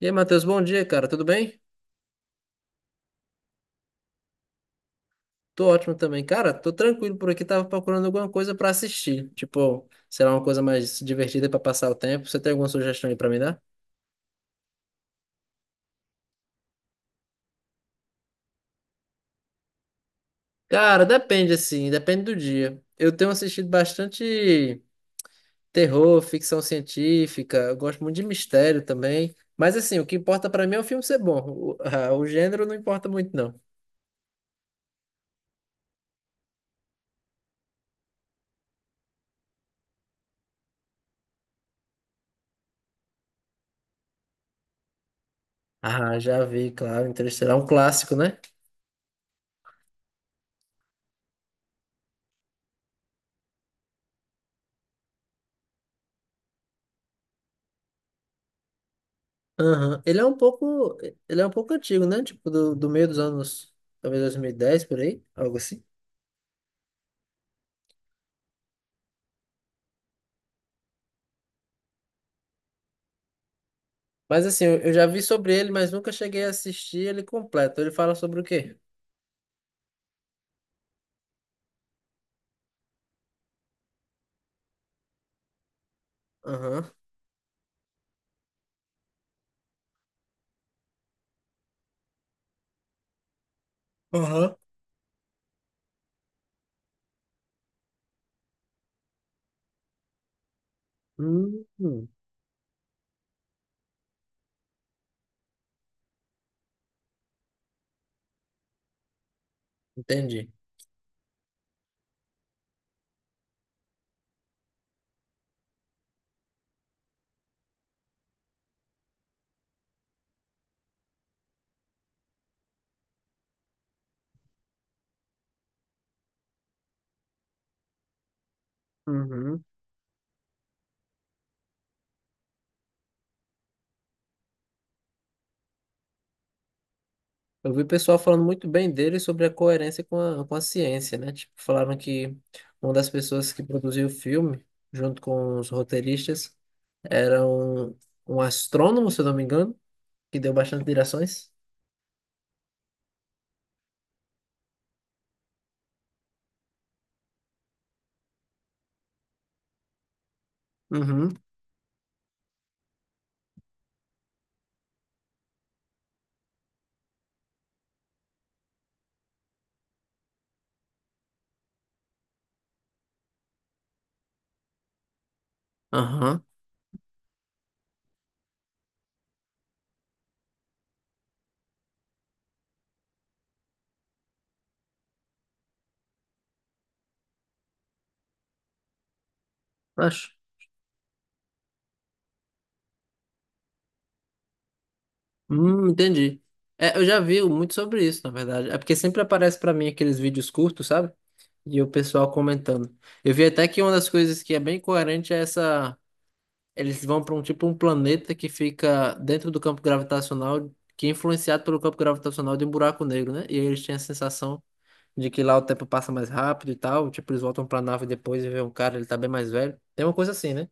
E aí, Matheus, bom dia, cara. Tudo bem? Tô ótimo também. Cara, tô tranquilo por aqui. Tava procurando alguma coisa pra assistir. Tipo, sei lá, uma coisa mais divertida pra passar o tempo. Você tem alguma sugestão aí pra me dar? Cara, depende assim, depende do dia. Eu tenho assistido bastante terror, ficção científica, eu gosto muito de mistério também. Mas assim, o que importa pra mim é o filme ser bom. Ah, o gênero não importa muito, não. Ah, já vi, claro, Interestelar é um clássico, né? Aham. Ele é um pouco antigo, né? Tipo, do meio dos anos, talvez 2010 por aí, algo assim. Mas assim, eu já vi sobre ele, mas nunca cheguei a assistir ele completo. Ele fala sobre o quê? Aham. Aham. Hum, hum, entendi. Uhum. Eu vi o pessoal falando muito bem dele sobre a coerência com a ciência, né? Tipo, falaram que uma das pessoas que produziu o filme, junto com os roteiristas, era um astrônomo, se eu não me engano, que deu bastante direções. Uhum. Aham, acho. Entendi. É, eu já vi muito sobre isso, na verdade. É porque sempre aparece pra mim aqueles vídeos curtos, sabe? E o pessoal comentando. Eu vi até que uma das coisas que é bem coerente é essa. Eles vão pra um tipo um planeta que fica dentro do campo gravitacional, que é influenciado pelo campo gravitacional de um buraco negro, né? E aí eles têm a sensação de que lá o tempo passa mais rápido e tal. Tipo, eles voltam pra nave depois e vê um cara, ele tá bem mais velho. Tem uma coisa assim, né?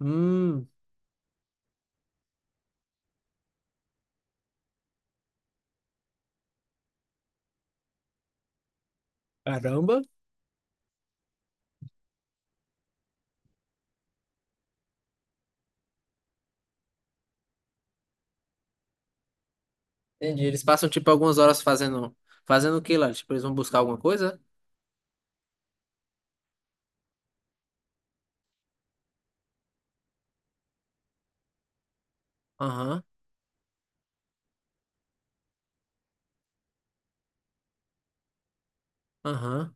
Hum, caramba. Entendi. Eles passam tipo algumas horas fazendo o que lá? Tipo, eles vão buscar alguma coisa? Aham, aham,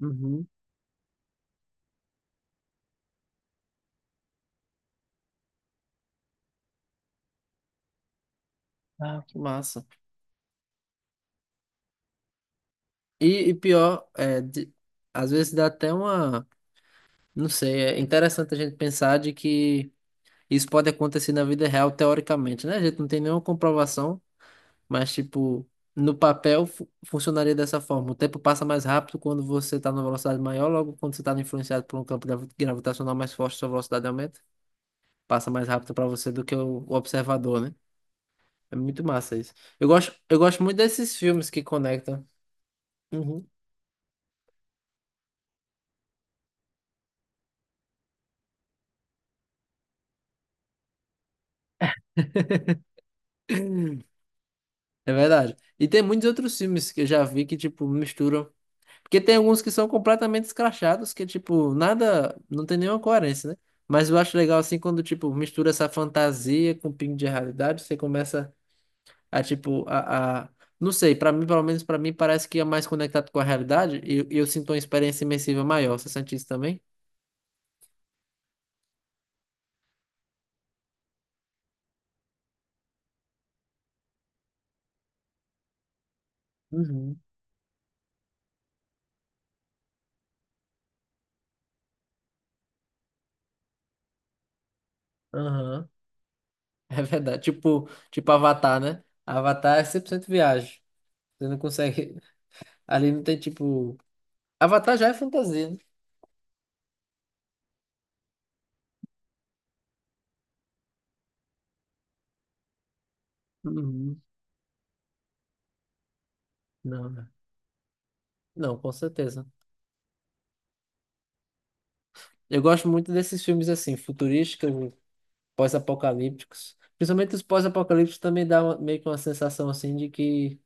uhum. Ah, que massa. E, pior, às vezes dá até uma, não sei, é interessante a gente pensar de que isso pode acontecer na vida real teoricamente, né? A gente não tem nenhuma comprovação, mas tipo, no papel funcionaria dessa forma. O tempo passa mais rápido quando você está numa velocidade maior, logo quando você está influenciado por um campo gravitacional mais forte, sua velocidade aumenta. Passa mais rápido pra você do que o observador, né? É muito massa isso. Eu gosto muito desses filmes que conectam. Uhum. É verdade. E tem muitos outros filmes que eu já vi que, tipo, misturam. Porque tem alguns que são completamente escrachados, que, tipo, nada. Não tem nenhuma coerência, né? Mas eu acho legal, assim, quando, tipo, mistura essa fantasia com um pingo de realidade, você começa a, tipo, Não sei, pra mim, pelo menos pra mim, parece que é mais conectado com a realidade e eu sinto uma experiência imersiva maior. Você sente isso também? Uhum. Aham. É verdade. Tipo, tipo Avatar, né? Avatar é 100% viagem. Você não consegue. Ali não tem tipo. Avatar já é fantasia, né? Uhum. Não, né? Não, com certeza. Eu gosto muito desses filmes assim, futurísticos, pós-apocalípticos. Principalmente os pós-apocalípticos também dá meio que uma sensação assim de que.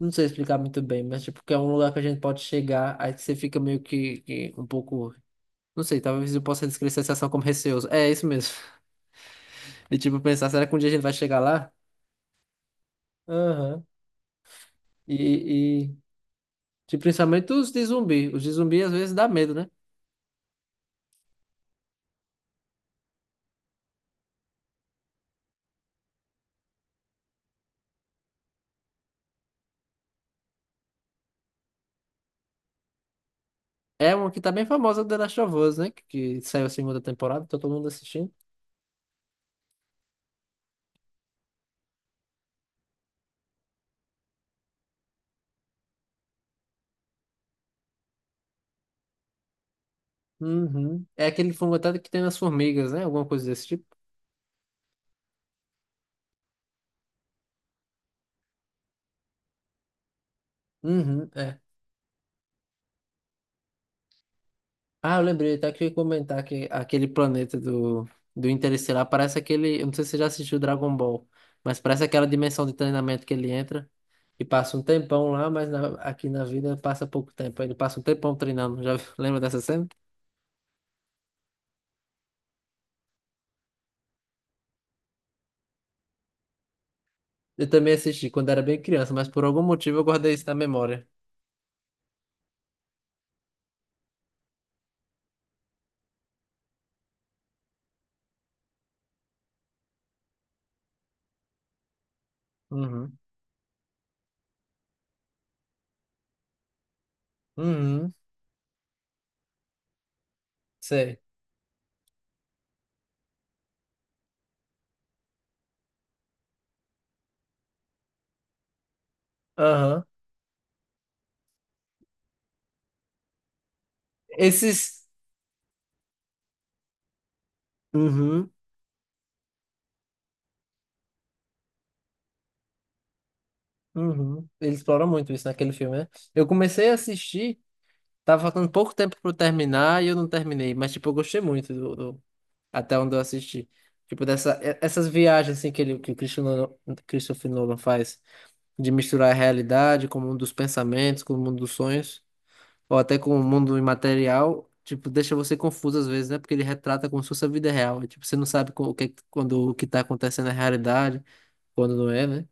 Não sei explicar muito bem, mas tipo, que é um lugar que a gente pode chegar, aí que você fica meio que um pouco. Não sei, talvez eu possa descrever essa sensação como receoso. É isso mesmo. De tipo, pensar, será que um dia a gente vai chegar lá? Aham. E, e, principalmente os de zumbi. Os de zumbi às vezes dá medo, né? É uma que tá bem famosa, The Last of Us, né? Que saiu a segunda temporada, tá todo mundo assistindo. Uhum. É aquele fungo até que tem nas formigas, né? Alguma coisa desse tipo. Uhum, é. Ah, eu lembrei, até que eu ia comentar que aquele planeta do Interestelar parece aquele. Eu não sei se você já assistiu Dragon Ball, mas parece aquela dimensão de treinamento que ele entra e passa um tempão lá, mas aqui na vida passa pouco tempo. Ele passa um tempão treinando. Já lembra dessa cena? Eu também assisti quando era bem criança, mas por algum motivo eu guardei isso na memória. Uhum. Uhum. Sei. Aham. Esses. Uhum. Uhum. Ele explora muito isso naquele filme, né? Eu comecei a assistir, tava faltando pouco tempo pra eu terminar e eu não terminei, mas tipo, eu gostei muito até onde eu assisti. Tipo, essas viagens assim que, ele, que o Christopher Nolan faz, de misturar a realidade com o mundo dos pensamentos, com o mundo dos sonhos, ou até com o mundo imaterial, tipo, deixa você confuso às vezes, né? Porque ele retrata como se fosse a vida real. E, tipo, você não sabe quando o que tá acontecendo é realidade, quando não é, né?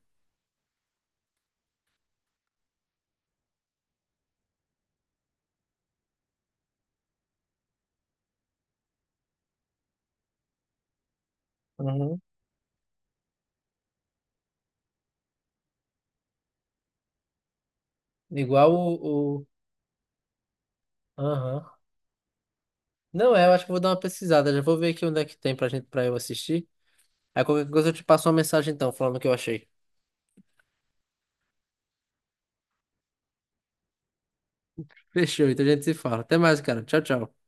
Uhum. Igual Aham. Não é, eu acho que eu vou dar uma pesquisada. Já vou ver aqui onde é que tem pra gente, pra eu assistir. Aí qualquer coisa eu te passo uma mensagem então, falando o que eu achei. Fechou, então a gente se fala. Até mais, cara. Tchau, tchau.